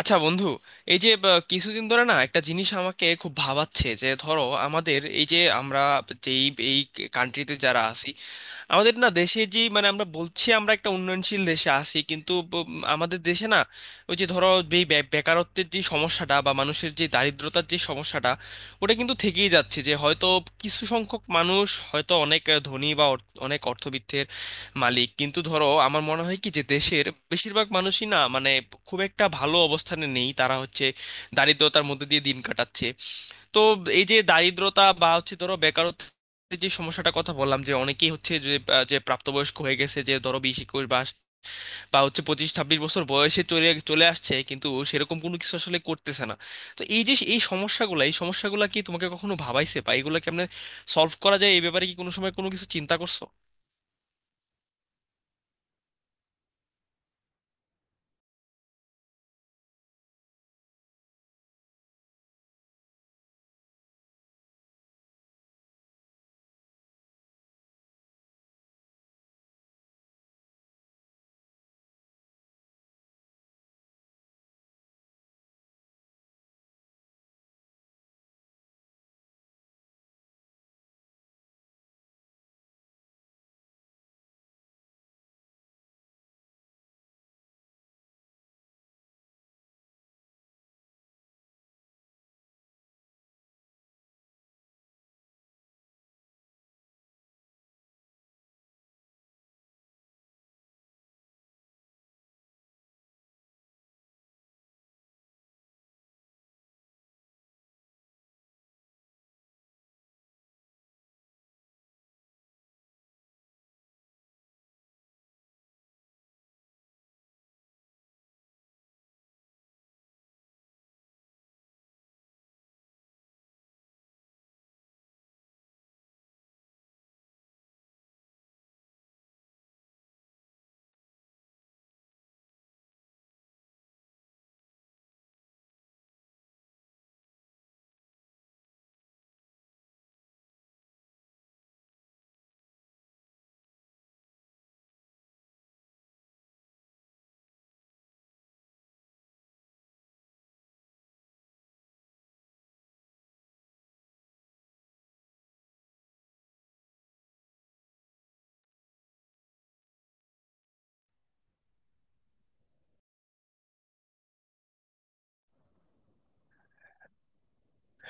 আচ্ছা বন্ধু। এই যে কিছুদিন ধরে না একটা জিনিস আমাকে খুব ভাবাচ্ছে যে ধরো আমাদের এই যে আমরা যেই এই কান্ট্রিতে যারা আছি, আমাদের না দেশে, যে মানে আমরা বলছি আমরা একটা উন্নয়নশীল দেশে আছি, কিন্তু আমাদের দেশে না ওই যে ধরো যে বেকারত্বের যে সমস্যাটা বা মানুষের যে দারিদ্রতার যে সমস্যাটা, ওটা কিন্তু থেকেই যাচ্ছে। যে হয়তো কিছু সংখ্যক মানুষ হয়তো অনেক ধনী বা অনেক অর্থবিত্তের মালিক, কিন্তু ধরো আমার মনে হয় কি যে দেশের বেশিরভাগ মানুষই না মানে খুব একটা ভালো অবস্থানে নেই, তারা হচ্ছে দারিদ্রতার মধ্যে দিয়ে দিন কাটাচ্ছে। তো এই যে দারিদ্রতা বা হচ্ছে ধরো বেকারত্ব যে সমস্যাটা কথা বললাম, যে অনেকেই হচ্ছে যে যে প্রাপ্তবয়স্ক হয়ে গেছে, যে ধরো 20-21 বা বা হচ্ছে 25-26 বছর বয়সে চলে চলে আসছে, কিন্তু সেরকম কোনো কিছু আসলে করতেছে না। তো এই যে এই সমস্যাগুলো কি তোমাকে কখনো ভাবাইছে, বা এগুলো কেমনে সলভ করা যায় এই ব্যাপারে কি কোনো সময় কোনো কিছু চিন্তা করছো?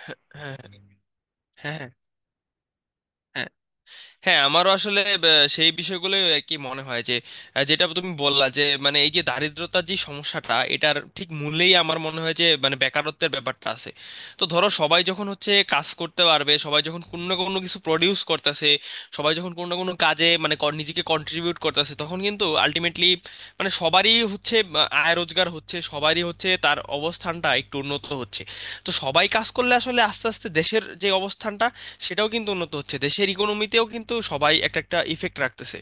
হ্যাঁ, হ্যাঁ, হ্যাঁ, হ্যাঁ, আমারও আসলে সেই বিষয়গুলো আর কি মনে হয় যে যেটা তুমি বললা যে মানে এই যে দারিদ্রতার যে সমস্যাটা, এটার ঠিক মূলেই আমার মনে হয় যে মানে বেকারত্বের ব্যাপারটা আছে। তো ধরো সবাই যখন হচ্ছে কাজ করতে পারবে, সবাই যখন কোনো না কোনো কিছু প্রডিউস করতেছে, সবাই যখন কোনো না কোনো কাজে মানে নিজেকে কন্ট্রিবিউট করতেছে, তখন কিন্তু আলটিমেটলি মানে সবারই হচ্ছে আয় রোজগার হচ্ছে, সবারই হচ্ছে তার অবস্থানটা একটু উন্নত হচ্ছে। তো সবাই কাজ করলে আসলে আস্তে আস্তে দেশের যে অবস্থানটা সেটাও কিন্তু উন্নত হচ্ছে, দেশের ইকোনমিতেও কিন্তু সবাই একটা একটা ইফেক্ট রাখতেছে।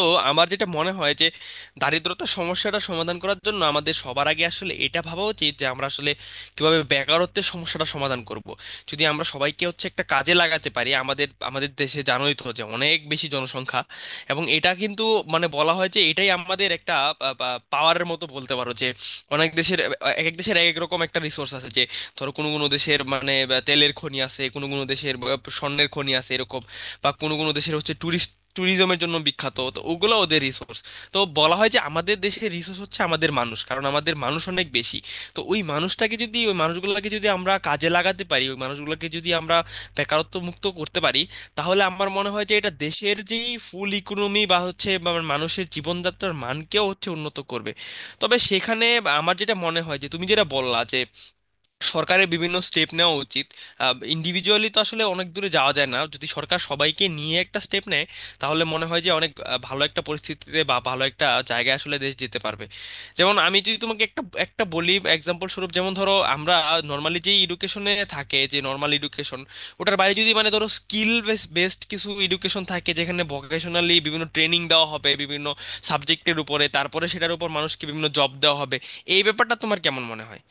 তো আমার যেটা মনে হয় যে দারিদ্রতা সমস্যাটা সমাধান করার জন্য আমাদের সবার আগে আসলে এটা ভাবা উচিত যে আমরা আসলে কিভাবে বেকারত্বের সমস্যাটা সমাধান করব। যদি আমরা সবাইকে হচ্ছে একটা কাজে লাগাতে পারি, আমাদের আমাদের দেশে জানোই তো যে অনেক বেশি জনসংখ্যা, এবং এটা কিন্তু মানে বলা হয় যে এটাই আমাদের একটা পাওয়ারের মতো বলতে পারো। যে অনেক দেশের, এক এক দেশের এক এক রকম একটা রিসোর্স আছে। যে ধরো কোনো কোনো দেশের মানে তেলের খনি আছে, কোনো কোনো দেশের স্বর্ণের খনি আছে, এরকম বা কোনো কোনো দেশের হচ্ছে ট্যুরিজমের জন্য বিখ্যাত, তো ওগুলো ওদের রিসোর্স। তো বলা হয় যে আমাদের দেশের রিসোর্স হচ্ছে আমাদের মানুষ, কারণ আমাদের মানুষ অনেক বেশি। তো ওই মানুষগুলোকে যদি আমরা কাজে লাগাতে পারি, ওই মানুষগুলোকে যদি আমরা বেকারত্ব মুক্ত করতে পারি, তাহলে আমার মনে হয় যে এটা দেশের যেই ফুল ইকোনমি বা হচ্ছে বা মানুষের জীবনযাত্রার মানকেও হচ্ছে উন্নত করবে। তবে সেখানে আমার যেটা মনে হয় যে তুমি যেটা বললা, যে সরকারের বিভিন্ন স্টেপ নেওয়া উচিত। ইন্ডিভিজুয়ালি তো আসলে অনেক দূরে যাওয়া যায় না, যদি সরকার সবাইকে নিয়ে একটা স্টেপ নেয় তাহলে মনে হয় যে অনেক ভালো একটা পরিস্থিতিতে বা ভালো একটা জায়গায় আসলে দেশ যেতে পারবে। যেমন আমি যদি তোমাকে একটা একটা বলি এক্সাম্পল স্বরূপ, যেমন ধরো আমরা নর্মালি যে এডুকেশনে থাকে, যে নর্মাল এডুকেশন ওটার বাইরে যদি মানে ধরো স্কিল বেসড কিছু এডুকেশন থাকে, যেখানে ভোকেশনালি বিভিন্ন ট্রেনিং দেওয়া হবে বিভিন্ন সাবজেক্টের উপরে, তারপরে সেটার উপর মানুষকে বিভিন্ন জব দেওয়া হবে। এই ব্যাপারটা তোমার কেমন মনে হয়?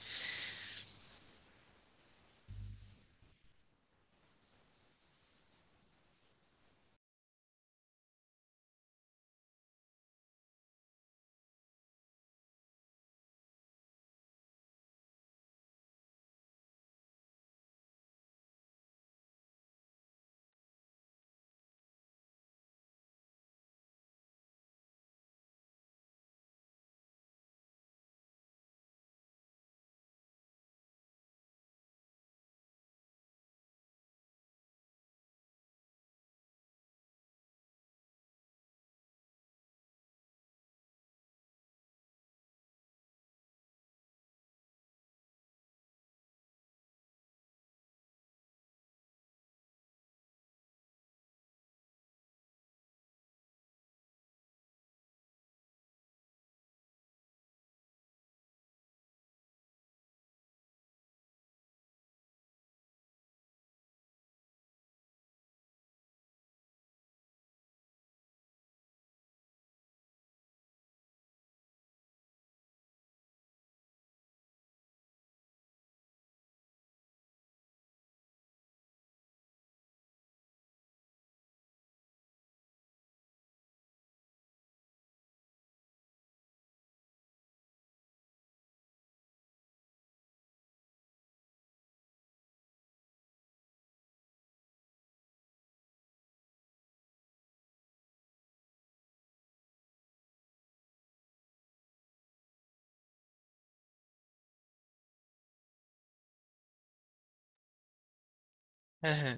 হ্যাঁ, হ্যাঁ,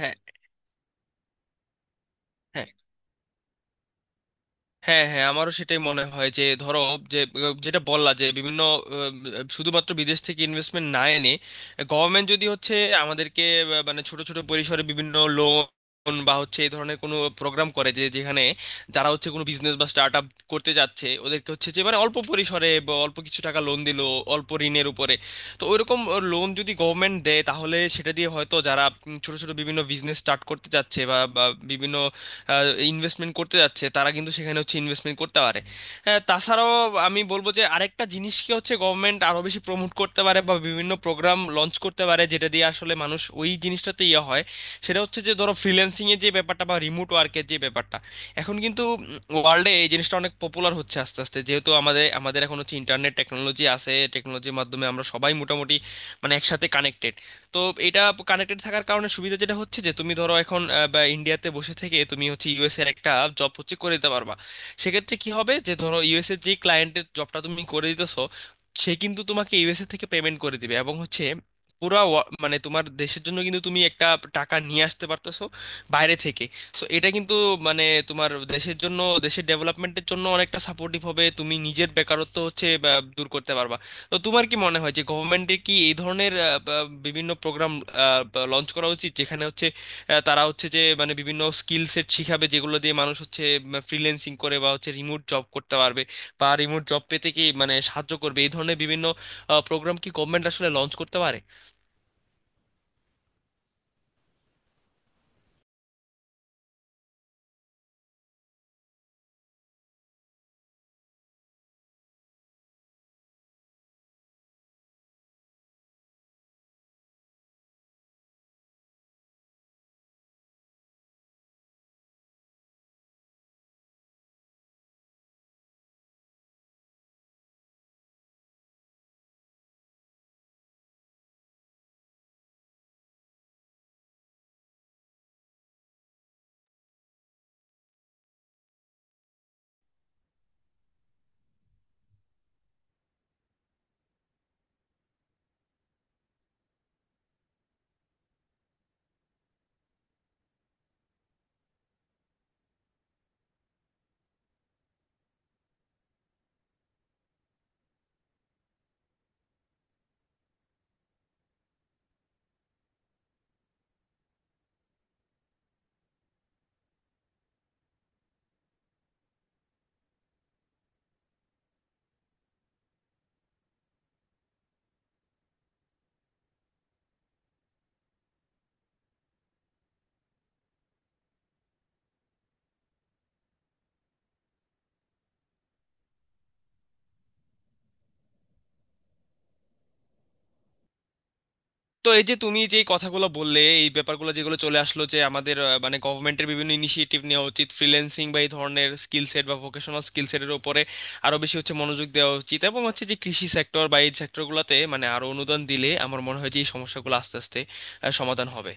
হ্যাঁ, হ্যাঁ, হ্যাঁ, হ্যাঁ, আমারও সেটাই মনে হয়। যে ধরো যে যেটা বললা যে বিভিন্ন, শুধুমাত্র বিদেশ থেকে ইনভেস্টমেন্ট না এনে গভর্নমেন্ট যদি হচ্ছে আমাদেরকে মানে ছোট ছোট পরিসরে বিভিন্ন লোন বা হচ্ছে এই ধরনের কোনো প্রোগ্রাম করে, যে যেখানে যারা হচ্ছে কোনো বিজনেস বা স্টার্ট আপ করতে যাচ্ছে ওদেরকে হচ্ছে যে মানে অল্প পরিসরে বা অল্প কিছু টাকা লোন দিল, অল্প ঋণের উপরে, তো ওইরকম লোন যদি গভর্নমেন্ট দেয়, তাহলে সেটা দিয়ে হয়তো যারা ছোট ছোট বিভিন্ন বিজনেস স্টার্ট করতে চাচ্ছে বা বা বিভিন্ন ইনভেস্টমেন্ট করতে যাচ্ছে, তারা কিন্তু সেখানে হচ্ছে ইনভেস্টমেন্ট করতে পারে। হ্যাঁ, তাছাড়াও আমি বলবো যে আরেকটা জিনিসকে হচ্ছে গভর্নমেন্ট আরো বেশি প্রমোট করতে পারে বা বিভিন্ন প্রোগ্রাম লঞ্চ করতে পারে, যেটা দিয়ে আসলে মানুষ ওই জিনিসটাতে ইয়ে হয়। সেটা হচ্ছে যে ধরো ফ্রিল্যান্সিং এর যে ব্যাপারটা বা রিমোট ওয়ার্কের যে ব্যাপারটা, এখন কিন্তু ওয়ার্ল্ডে এই জিনিসটা অনেক পপুলার হচ্ছে আস্তে আস্তে, যেহেতু আমাদের আমাদের এখন হচ্ছে ইন্টারনেট টেকনোলজি আছে, টেকনোলজির মাধ্যমে আমরা সবাই মোটামুটি মানে একসাথে কানেক্টেড। তো এটা কানেক্টেড থাকার কারণে সুবিধা যেটা হচ্ছে, যে তুমি ধরো এখন বা ইন্ডিয়াতে বসে থেকে তুমি হচ্ছে ইউএস এর একটা জব হচ্ছে করে দিতে পারবা। সেক্ষেত্রে কি হবে যে ধরো ইউএস এর যে ক্লায়েন্টের জবটা তুমি করে দিতেছো, সে কিন্তু তোমাকে ইউএসএ থেকে পেমেন্ট করে দিবে, এবং হচ্ছে পুরা মানে তোমার দেশের জন্য কিন্তু তুমি একটা টাকা নিয়ে আসতে পারতেছো বাইরে থেকে। সো এটা কিন্তু মানে তোমার দেশের জন্য, দেশের ডেভেলপমেন্টের জন্য অনেকটা সাপোর্টিভ হবে, তুমি নিজের বেকারত্ব হচ্ছে বা, দূর করতে পারবা। তো তোমার কি মনে হয় যে গভর্নমেন্টের কি এই ধরনের বিভিন্ন প্রোগ্রাম লঞ্চ করা উচিত, যেখানে হচ্ছে তারা হচ্ছে যে মানে বিভিন্ন স্কিল সেট শিখাবে যেগুলো দিয়ে মানুষ হচ্ছে ফ্রিল্যান্সিং করে বা হচ্ছে রিমোট জব করতে পারবে বা রিমোট জব পেতে কি মানে সাহায্য করবে, এই ধরনের বিভিন্ন প্রোগ্রাম কি গভর্নমেন্ট আসলে লঞ্চ করতে পারে? তো এই যে তুমি যে কথাগুলো বললে, এই ব্যাপারগুলো যেগুলো চলে আসলো যে আমাদের মানে গভর্নমেন্টের বিভিন্ন ইনিশিয়েটিভ নেওয়া উচিত, ফ্রিল্যান্সিং বা এই ধরনের স্কিল সেট বা ভোকেশনাল স্কিল সেটের উপরে আরো বেশি হচ্ছে মনোযোগ দেওয়া উচিত, এবং হচ্ছে যে কৃষি সেক্টর বা এই সেক্টরগুলোতে মানে আরো অনুদান দিলে আমার মনে হয় যে এই সমস্যাগুলো আস্তে আস্তে সমাধান হবে।